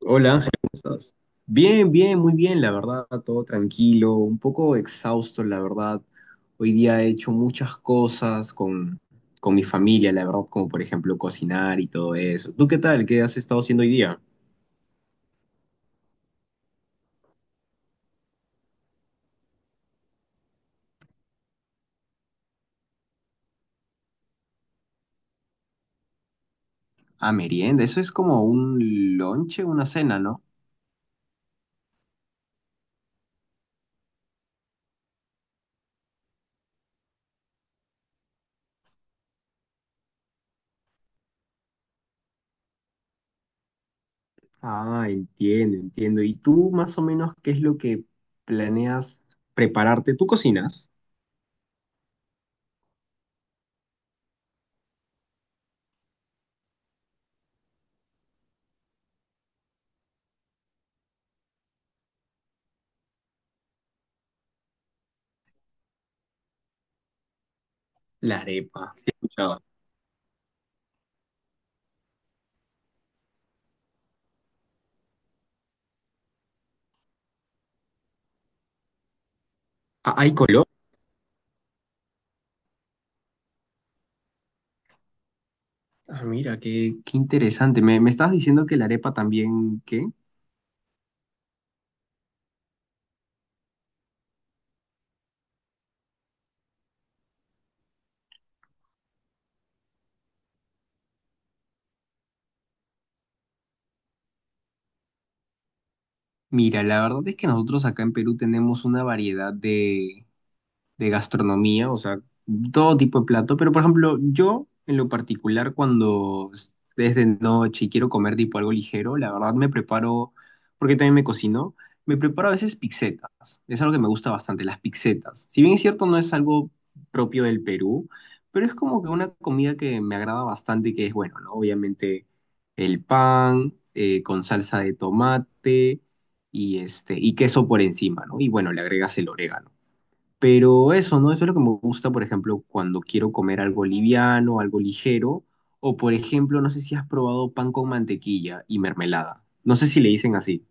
Hola Ángel, ¿cómo estás? Bien, bien, muy bien, la verdad, todo tranquilo, un poco exhausto, la verdad. Hoy día he hecho muchas cosas con mi familia, la verdad, como por ejemplo cocinar y todo eso. ¿Tú qué tal? ¿Qué has estado haciendo hoy día? Ah, merienda, eso es como un lonche, una cena, ¿no? Ah, entiendo, entiendo. ¿Y tú más o menos qué es lo que planeas prepararte? ¿Tú cocinas? La arepa, sí he escuchado. Ah, ¿hay color? Ah, mira, qué interesante. Me estabas diciendo que la arepa también, ¿qué? Mira, la verdad es que nosotros acá en Perú tenemos una variedad de gastronomía, o sea, todo tipo de plato, pero por ejemplo, yo en lo particular cuando es de noche y quiero comer tipo algo ligero, la verdad me preparo, porque también me cocino, me preparo a veces pizzetas, es algo que me gusta bastante, las pizzetas. Si bien es cierto, no es algo propio del Perú, pero es como que una comida que me agrada bastante, que es bueno, ¿no? Obviamente el pan con salsa de tomate y, este, y queso por encima, ¿no? Y bueno, le agregas el orégano. Pero eso, ¿no? Eso es lo que me gusta, por ejemplo, cuando quiero comer algo liviano, algo ligero, o por ejemplo, no sé si has probado pan con mantequilla y mermelada. No sé si le dicen así.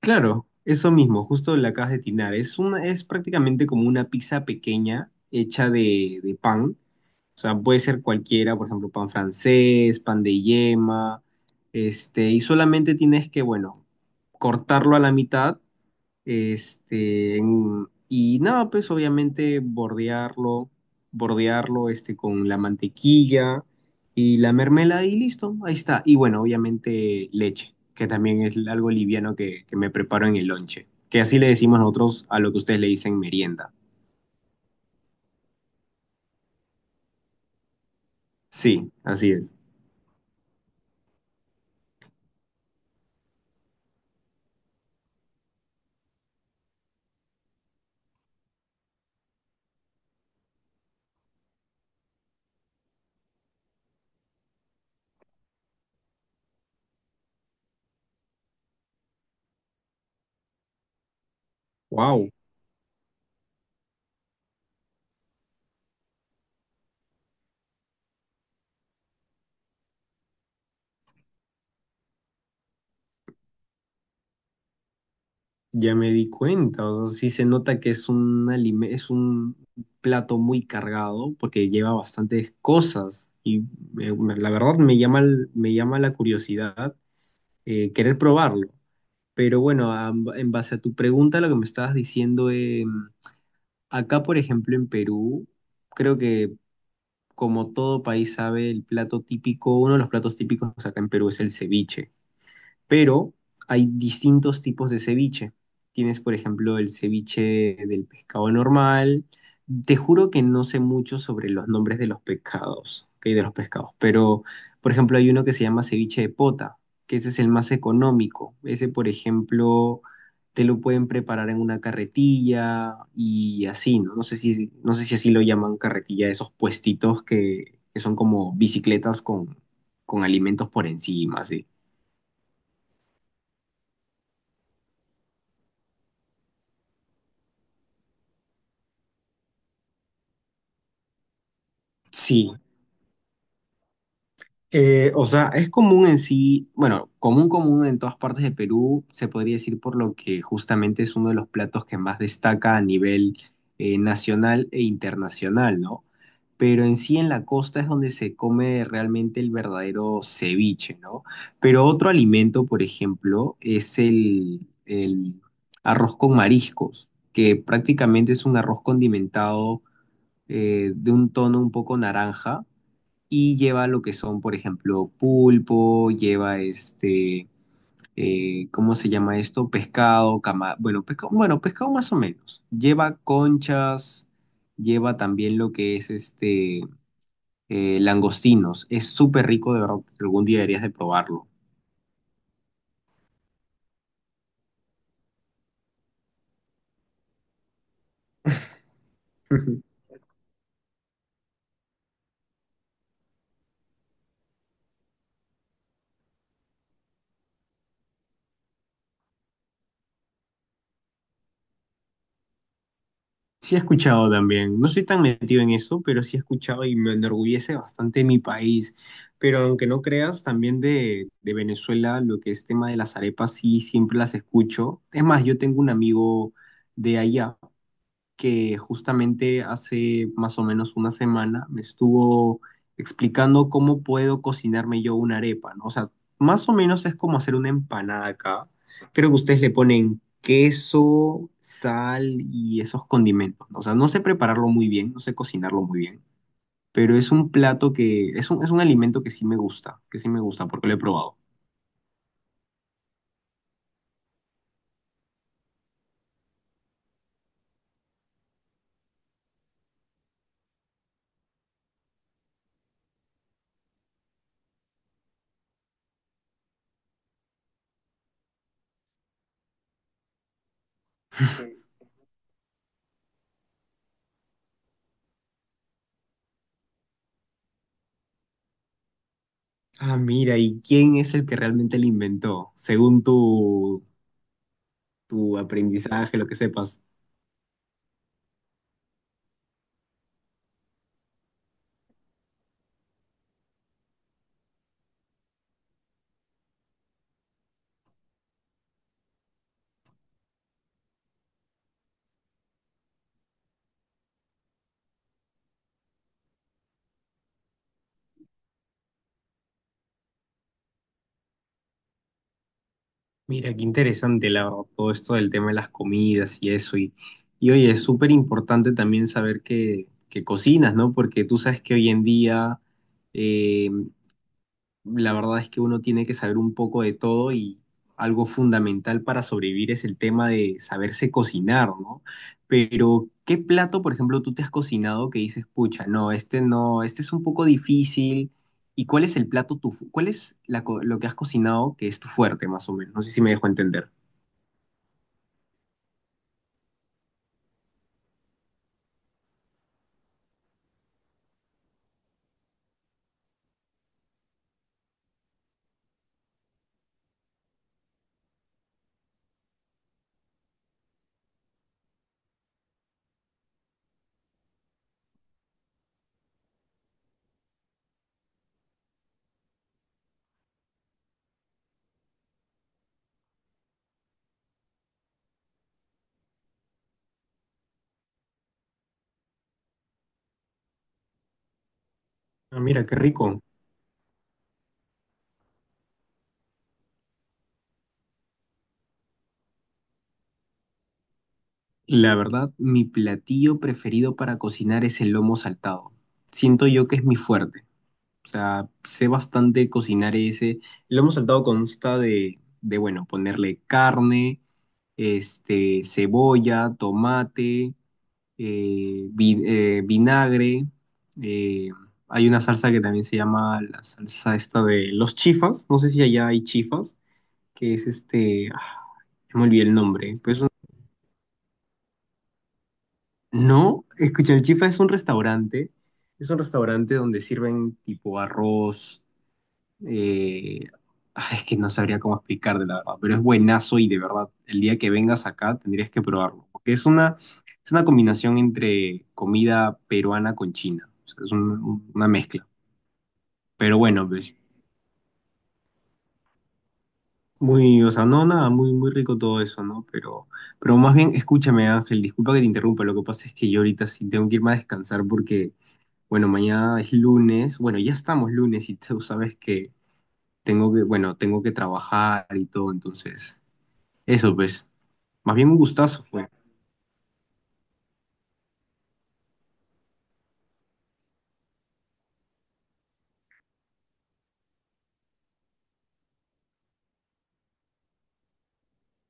Claro, eso mismo, justo la acabas de tinar. Es prácticamente como una pizza pequeña hecha de pan. O sea, puede ser cualquiera, por ejemplo, pan francés, pan de yema, este, y solamente tienes que, bueno, cortarlo a la mitad. Este, y nada, pues obviamente bordearlo, bordearlo este, con la mantequilla y la mermelada y listo, ahí está. Y bueno, obviamente leche, que también es algo liviano que me preparo en el lonche, que así le decimos nosotros a lo que ustedes le dicen merienda. Sí, así es. Wow. Ya me di cuenta, o sea, sí se nota que es un es un plato muy cargado porque lleva bastantes cosas y la verdad me llama, me llama la curiosidad querer probarlo. Pero bueno, en base a tu pregunta, lo que me estabas diciendo, acá por ejemplo en Perú, creo que como todo país sabe, el plato típico, uno de los platos típicos acá en Perú es el ceviche, pero hay distintos tipos de ceviche. Tienes, por ejemplo, el ceviche del pescado normal. Te juro que no sé mucho sobre los nombres de los pescados, ¿ok? De los pescados, pero, por ejemplo, hay uno que se llama ceviche de pota, que ese es el más económico. Ese, por ejemplo, te lo pueden preparar en una carretilla y así, ¿no? No sé si así lo llaman carretilla, esos puestitos que son como bicicletas con alimentos por encima, así. Sí. O sea, es común en sí, bueno, común en todas partes de Perú, se podría decir por lo que justamente es uno de los platos que más destaca a nivel nacional e internacional, ¿no? Pero en sí en la costa es donde se come realmente el verdadero ceviche, ¿no? Pero otro alimento, por ejemplo, es el arroz con mariscos, que prácticamente es un arroz condimentado de un tono un poco naranja y lleva lo que son, por ejemplo, pulpo, lleva este, ¿cómo se llama esto? Pescado, cama, bueno, pescado más o menos. Lleva conchas, lleva también lo que es este, langostinos. Es súper rico, de verdad, que algún día deberías de probarlo. Sí he escuchado también, no soy tan metido en eso, pero sí he escuchado y me enorgullece bastante mi país. Pero aunque no creas, también de Venezuela, lo que es tema de las arepas, sí, siempre las escucho. Es más, yo tengo un amigo de allá que justamente hace más o menos una semana me estuvo explicando cómo puedo cocinarme yo una arepa, ¿no? O sea, más o menos es como hacer una empanada acá. Creo que ustedes le ponen queso, sal y esos condimentos, ¿no? O sea, no sé prepararlo muy bien, no sé cocinarlo muy bien, pero es un plato que, es un alimento que sí me gusta, que sí me gusta porque lo he probado. Sí. Ah, mira, ¿y quién es el que realmente lo inventó? Según tu aprendizaje, lo que sepas. Mira, qué interesante la, verdad, todo esto del tema de las comidas y eso. Y oye, es súper importante también saber que cocinas, ¿no? Porque tú sabes que hoy en día eh, la verdad es que uno tiene que saber un poco de todo y algo fundamental para sobrevivir es el tema de saberse cocinar, ¿no? Pero, ¿qué plato, por ejemplo, tú te has cocinado que dices, pucha, no, este no, este es un poco difícil? ¿Y cuál es el plato, cuál es la lo que has cocinado que es tu fuerte, más o menos? No sé si me dejo entender. Ah, mira, qué rico. La verdad, mi platillo preferido para cocinar es el lomo saltado. Siento yo que es mi fuerte. O sea, sé bastante cocinar ese. El lomo saltado consta de bueno, ponerle carne, este, cebolla, tomate, vinagre. eh, hay una salsa que también se llama la salsa esta de los chifas. No sé si allá hay chifas, que es este... ah, me olvidé el nombre, pero es... No, escucha, el Chifa es un restaurante donde sirven tipo arroz, eh, ay, es que no sabría cómo explicar de la verdad, pero es buenazo y de verdad, el día que vengas acá tendrías que probarlo, porque es una combinación entre comida peruana con china, o sea, es una mezcla, pero bueno, pues muy, o sea, no, nada, muy, muy rico todo eso, ¿no? Pero más bien, escúchame Ángel, disculpa que te interrumpa, lo que pasa es que yo ahorita sí tengo que irme a descansar porque... Bueno, mañana es lunes. Bueno, ya estamos lunes y tú sabes que tengo que, bueno, tengo que trabajar y todo, entonces, eso pues. Más bien un gustazo fue.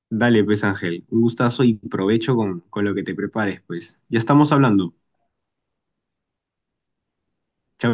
Dale, pues, Ángel, un gustazo y provecho con lo que te prepares, pues. Ya estamos hablando. Chao.